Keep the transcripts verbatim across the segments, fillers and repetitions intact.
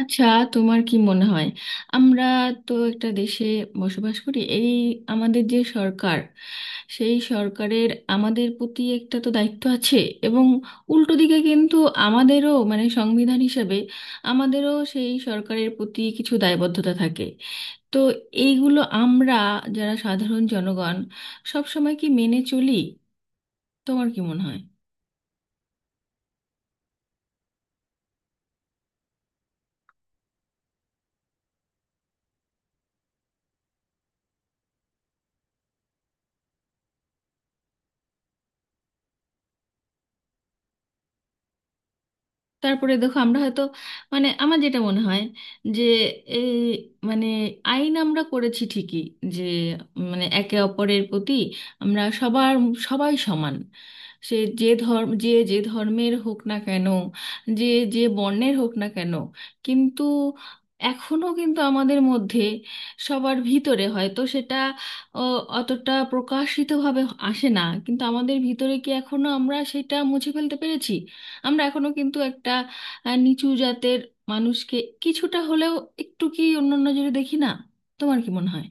আচ্ছা, তোমার কি মনে হয়, আমরা তো একটা দেশে বসবাস করি। এই আমাদের যে সরকার, সেই সরকারের আমাদের প্রতি একটা তো দায়িত্ব আছে, এবং উল্টো দিকে কিন্তু আমাদেরও মানে সংবিধান হিসাবে আমাদেরও সেই সরকারের প্রতি কিছু দায়বদ্ধতা থাকে। তো এইগুলো আমরা যারা সাধারণ জনগণ সব সময় কি মেনে চলি? তোমার কি মনে হয়? তারপরে দেখো, আমরা হয়তো, মানে আমার যেটা মনে হয় যে এই, মানে আইন আমরা করেছি ঠিকই, যে মানে একে অপরের প্রতি আমরা সবার, সবাই সমান, সে যে ধর্ম, যে যে ধর্মের হোক না কেন, যে যে বর্ণের হোক না কেন। কিন্তু এখনো কিন্তু আমাদের মধ্যে সবার ভিতরে হয়তো সেটা অ, অতটা প্রকাশিতভাবে আসে না, কিন্তু আমাদের ভিতরে কি এখনো আমরা সেটা মুছে ফেলতে পেরেছি? আমরা এখনো কিন্তু একটা আহ, নিচু জাতের মানুষকে কিছুটা হলেও একটু কি অন্য নজরে দেখি না? তোমার কি মনে হয়?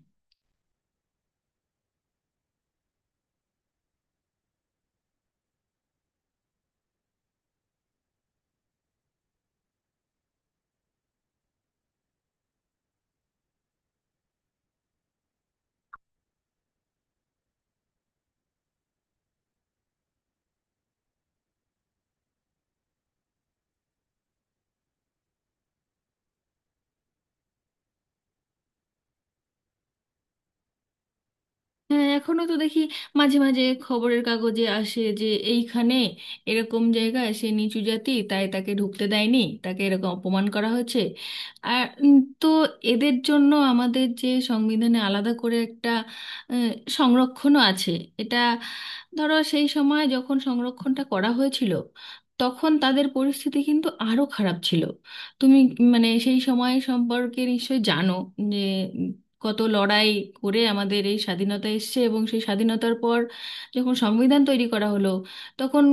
হ্যাঁ, এখনো তো দেখি, মাঝে মাঝে খবরের কাগজে আসে যে এইখানে এরকম জায়গায় সে নিচু জাতি তাই তাকে ঢুকতে দেয়নি, তাকে এরকম অপমান করা হয়েছে। আর উম, তো এদের জন্য আমাদের যে সংবিধানে আলাদা করে একটা আহ, সংরক্ষণও আছে। এটা ধরো সেই সময় যখন সংরক্ষণটা করা হয়েছিল তখন তাদের পরিস্থিতি কিন্তু আরো খারাপ ছিল। তুমি মানে সেই সময় সম্পর্কে নিশ্চয়ই জানো যে কত লড়াই করে আমাদের এই স্বাধীনতা এসেছে, এবং সেই স্বাধীনতার পর যখন সংবিধান তৈরি করা হলো তখন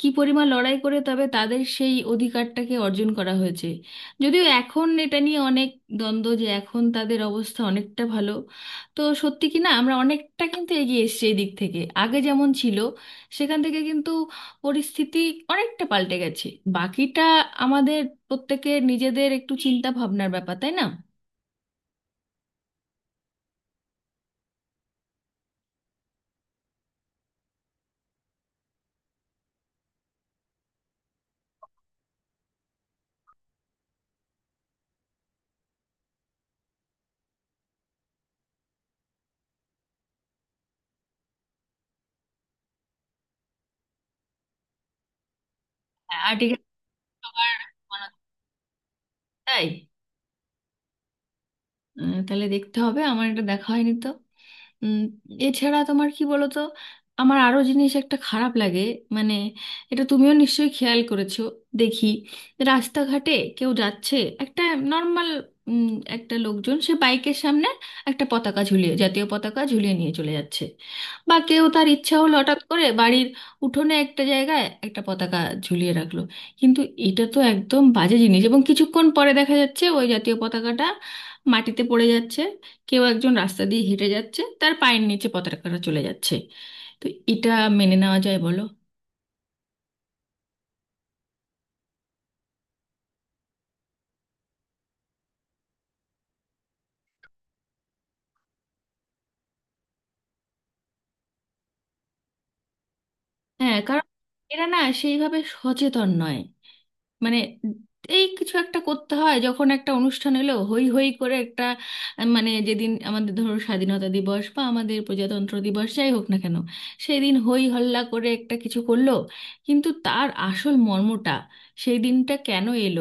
কি পরিমাণ লড়াই করে তবে তাদের সেই অধিকারটাকে অর্জন করা হয়েছে। যদিও এখন এটা নিয়ে অনেক দ্বন্দ্ব যে এখন তাদের অবস্থা অনেকটা ভালো। তো সত্যি কি না, আমরা অনেকটা কিন্তু এগিয়ে এসেছি এই দিক থেকে, আগে যেমন ছিল সেখান থেকে কিন্তু পরিস্থিতি অনেকটা পাল্টে গেছে। বাকিটা আমাদের প্রত্যেকের নিজেদের একটু চিন্তা ভাবনার ব্যাপার, তাই না? আর্টিকেল। তাই? আহ, তাহলে দেখতে হবে, আমার এটা দেখা হয়নি তো। উম, এছাড়া তোমার, কি বলো তো, আমার আরো জিনিস একটা খারাপ লাগে, মানে এটা তুমিও নিশ্চয়ই খেয়াল করেছো। দেখি, রাস্তাঘাটে কেউ যাচ্ছে, একটা নর্মাল একটা লোকজন, সে বাইকের সামনে একটা পতাকা ঝুলিয়ে, জাতীয় পতাকা ঝুলিয়ে নিয়ে চলে যাচ্ছে। বা কেউ তার ইচ্ছা হলো হঠাৎ করে বাড়ির উঠোনে একটা জায়গায় একটা পতাকা ঝুলিয়ে রাখলো। কিন্তু এটা তো একদম বাজে জিনিস, এবং কিছুক্ষণ পরে দেখা যাচ্ছে ওই জাতীয় পতাকাটা মাটিতে পড়ে যাচ্ছে, কেউ একজন রাস্তা দিয়ে হেঁটে যাচ্ছে তার পায়ের নিচে পতাকাটা চলে যাচ্ছে। তো এটা মেনে নেওয়া যায় বলো? হ্যাঁ, কারণ এরা না সেইভাবে সচেতন নয়। মানে এই কিছু একটা করতে হয়, যখন একটা অনুষ্ঠান এলো হই হই করে একটা, আহ, মানে যেদিন আমাদের ধরো স্বাধীনতা দিবস বা আমাদের প্রজাতন্ত্র দিবস যাই হোক না কেন, সেই দিন হই হল্লা করে একটা কিছু করলো। কিন্তু তার আসল মর্মটা, সেই দিনটা কেন এলো,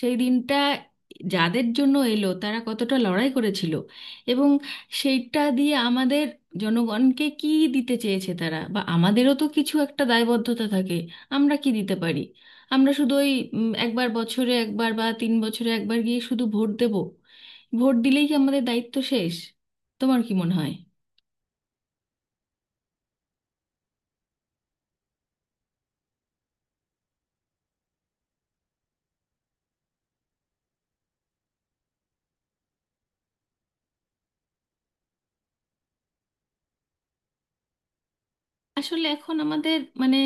সেই দিনটা যাদের জন্য এলো তারা কতটা লড়াই করেছিল, এবং সেইটা দিয়ে আমাদের জনগণকে কি দিতে চেয়েছে তারা, বা আমাদেরও তো কিছু একটা দায়বদ্ধতা থাকে। আমরা কি দিতে পারি? আমরা শুধু ওই উম, একবার বছরে একবার বা তিন বছরে একবার গিয়ে শুধু ভোট দেব। ভোট দিলেই কি আমাদের দায়িত্ব শেষ? তোমার কি মনে হয়? আসলে এখন আমাদের মানে,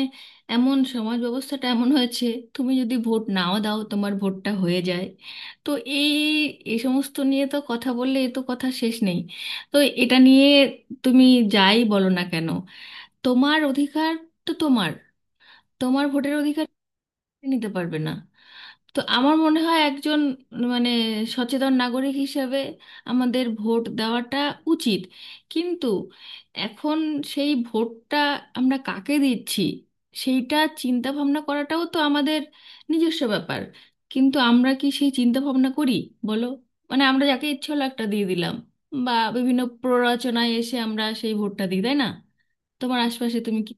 এমন সমাজ ব্যবস্থাটা এমন হয়েছে, তুমি যদি ভোট নাও দাও তোমার ভোটটা হয়ে যায়। তো এই এই সমস্ত নিয়ে তো কথা বললে এ তো কথা শেষ নেই। তো এটা নিয়ে তুমি যাই বলো না কেন, তোমার অধিকার, তো তোমার তোমার ভোটের অধিকার কেউ নিতে পারবে না। তো আমার মনে হয় একজন মানে সচেতন নাগরিক হিসেবে আমাদের ভোট দেওয়াটা উচিত। কিন্তু এখন সেই ভোটটা আমরা কাকে দিচ্ছি, সেইটা চিন্তা ভাবনা করাটাও তো আমাদের নিজস্ব ব্যাপার। কিন্তু আমরা কি সেই চিন্তা ভাবনা করি, বলো? মানে আমরা যাকে ইচ্ছে হলো একটা দিয়ে দিলাম, বা বিভিন্ন প্ররোচনায় এসে আমরা সেই ভোটটা দিই, তাই না? তোমার আশপাশে তুমি কি...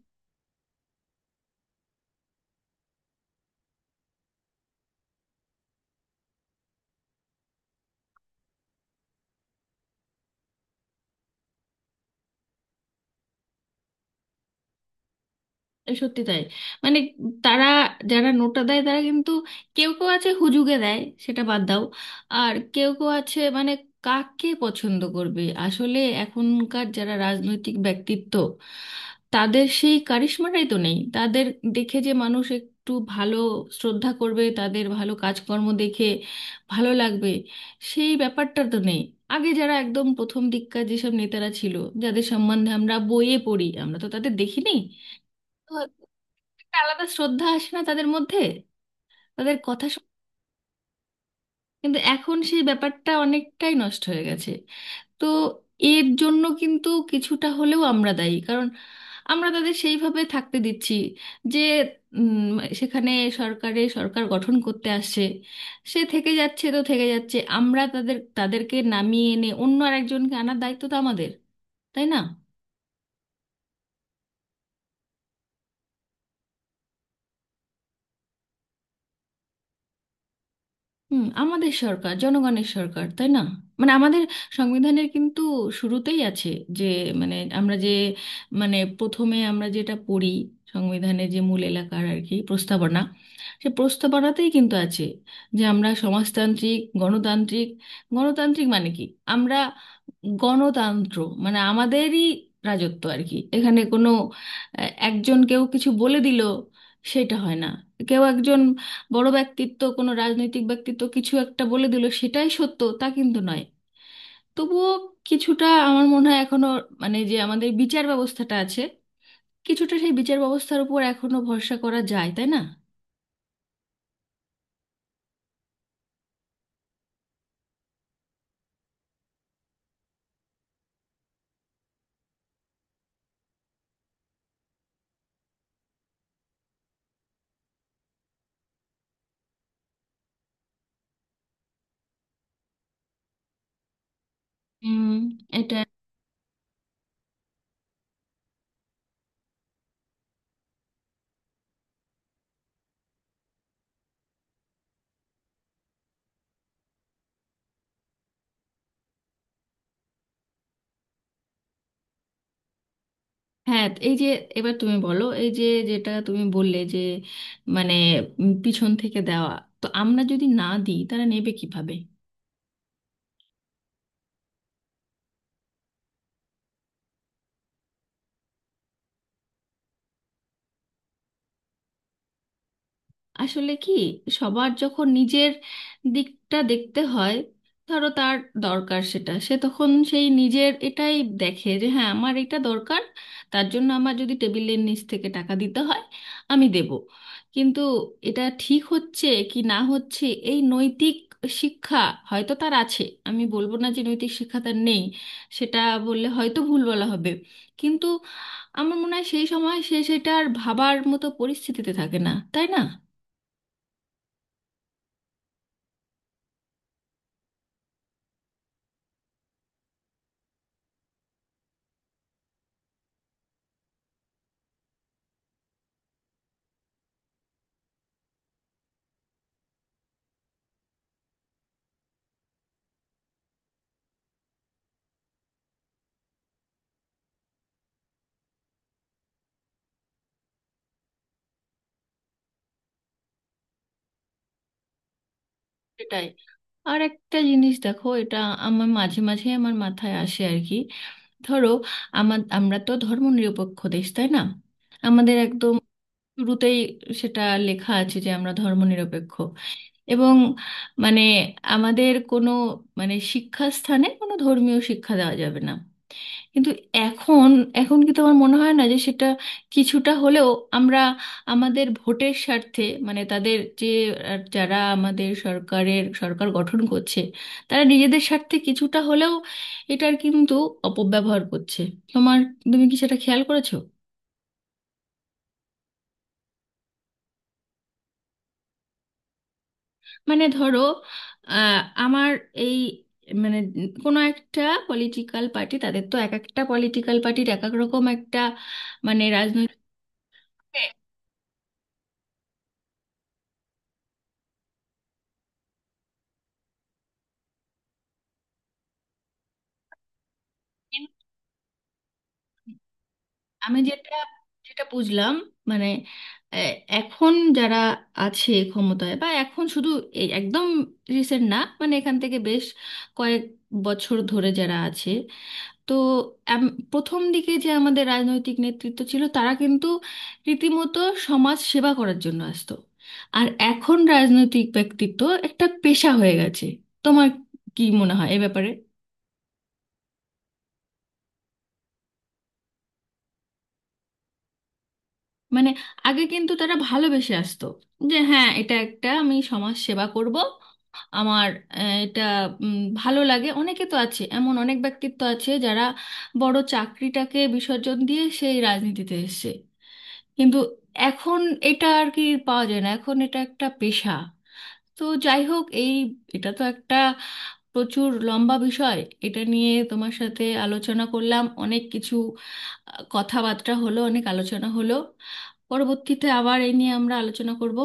সত্যি তাই। মানে তারা, যারা নোটা দেয় তারা কিন্তু, কেউ কেউ আছে হুজুগে দেয়, সেটা বাদ দাও। আর কেউ কেউ আছে মানে কাকে পছন্দ করবে, আসলে এখনকার যারা রাজনৈতিক ব্যক্তিত্ব, তাদের সেই কারিশমাটাই তো নেই। তাদের দেখে যে মানুষ একটু ভালো শ্রদ্ধা করবে, তাদের ভালো কাজকর্ম দেখে ভালো লাগবে, সেই ব্যাপারটা তো নেই। আগে যারা একদম প্রথম দিককার যেসব নেতারা ছিল, যাদের সম্বন্ধে আমরা বইয়ে পড়ি, আমরা তো তাদের দেখিনি। একটা আলাদা শ্রদ্ধা আসে না তাদের মধ্যে। তাদের কথা শুন- কিন্তু এখন সেই ব্যাপারটা অনেকটাই নষ্ট হয়ে গেছে। তো এর জন্য কিন্তু কিছুটা হলেও আমরা দায়ী, কারণ আমরা তাদের সেইভাবে থাকতে দিচ্ছি, যে উম, সেখানে সরকারে সরকার গঠন করতে আসছে, সে থেকে যাচ্ছে তো থেকে যাচ্ছে। আমরা তাদের তাদেরকে নামিয়ে এনে অন্য আরেকজনকে আনার দায়িত্ব তো আমাদের, তাই না? হুম, আমাদের সরকার জনগণের সরকার, তাই না? মানে আমাদের সংবিধানের কিন্তু শুরুতেই আছে, যে মানে আমরা যে, মানে প্রথমে আমরা যেটা পড়ি সংবিধানের, যে মূল এলাকার আর কি, প্রস্তাবনা, সে প্রস্তাবনাতেই কিন্তু আছে যে আমরা সমাজতান্ত্রিক, গণতান্ত্রিক। গণতান্ত্রিক মানে কি? আমরা গণতন্ত্র মানে আমাদেরই রাজত্ব আর কি, এখানে কোনো আহ, একজন কেউ কিছু বলে দিল সেটা হয় না। কেউ একজন বড় ব্যক্তিত্ব, কোনো রাজনৈতিক ব্যক্তিত্ব কিছু একটা বলে দিল সেটাই সত্য, তা কিন্তু নয়। তবুও কিছুটা আমার মনে হয় এখনো, মানে যে আমাদের বিচার ব্যবস্থাটা আছে, কিছুটা সেই বিচার ব্যবস্থার উপর এখনো ভরসা করা যায়, তাই না? উম, এটা, হ্যাঁ এই যে, এবার তুমি বলো, এই যে যেটা তুমি বললে যে মানে উম, পিছন থেকে দেওয়া, তো আমরা যদি না দিই তারা নেবে কিভাবে? আসলে কি, সবার যখন নিজের দিকটা দেখতে হয়, ধরো তার দরকার, সেটা সে তখন সেই নিজের এটাই দেখে যে হ্যাঁ আমার এটা দরকার, তার জন্য আমার যদি টেবিলের নিচ থেকে টাকা দিতে হয় আমি দেব। কিন্তু এটা ঠিক হচ্ছে কি না হচ্ছে, এই নৈতিক শিক্ষা হয়তো তার আছে। আমি বলবো না যে নৈতিক শিক্ষা তার নেই, সেটা বললে হয়তো ভুল বলা হবে। কিন্তু আমার মনে হয় সেই সময় সে সেটা আর ভাবার মতো পরিস্থিতিতে থাকে না, তাই না? সেটাই। আর একটা জিনিস দেখো, এটা আমার মাঝে মাঝে আমার মাথায় আসে আর কি। ধরো আমার আমরা তো ধর্ম নিরপেক্ষ দেশ, তাই না? আমাদের একদম শুরুতেই সেটা লেখা আছে যে আমরা ধর্ম নিরপেক্ষ, এবং মানে আমাদের কোনো, মানে শিক্ষাস্থানে কোনো ধর্মীয় শিক্ষা দেওয়া যাবে না। কিন্তু এখন এখন কি তোমার মনে হয় না যে সেটা কিছুটা হলেও, আমরা আমাদের ভোটের স্বার্থে, মানে তাদের যে আহ, যারা আমাদের সরকারের সরকার গঠন করছে, তারা নিজেদের স্বার্থে কিছুটা হলেও এটার কিন্তু অপব্যবহার করছে? তোমার তুমি কি সেটা খেয়াল করেছো? মানে ধরো আহ, আমার এই, মানে কোনো একটা পলিটিক্যাল পার্টি, তাদের তো এক একটা পলিটিক্যাল পার্টির এক এক রকম একটা মানে রাজনৈতিক, আমি যেটা যেটা বুঝলাম মানে আহ, এখন যারা আছে ক্ষমতায়, বা এখন শুধু এই একদম রিসেন্ট না, মানে এখান থেকে বেশ কয়েক বছর ধরে যারা আছে, তো এম- প্রথম দিকে যে আমাদের রাজনৈতিক নেতৃত্ব ছিল তারা কিন্তু রীতিমতো সমাজ সেবা করার জন্য আসতো। আর এখন রাজনৈতিক ব্যক্তিত্ব একটা পেশা হয়ে গেছে। তোমার কি মনে হয় এ ব্যাপারে? মানে আগে কিন্তু তারা ভালোবেসে আসতো, যে হ্যাঁ এটা একটা আমি সমাজ সেবা করব, আমার আহ, এটা উম, ভালো লাগে। অনেকে তো আছে, এমন অনেক ব্যক্তিত্ব আছে যারা বড় চাকরিটাকে বিসর্জন দিয়ে সেই রাজনীতিতে এসেছে। কিন্তু এখন এটা আর কি পাওয়া যায় না, এখন এটা একটা পেশা। তো যাই হোক, এই এটা তো একটা প্রচুর লম্বা বিষয়। এটা নিয়ে তোমার সাথে আলোচনা করলাম অনেক কিছু, আহ, কথাবার্তা হলো, অনেক আলোচনা হলো। পরবর্তীতে আবার এই নিয়ে আমরা আলোচনা করব।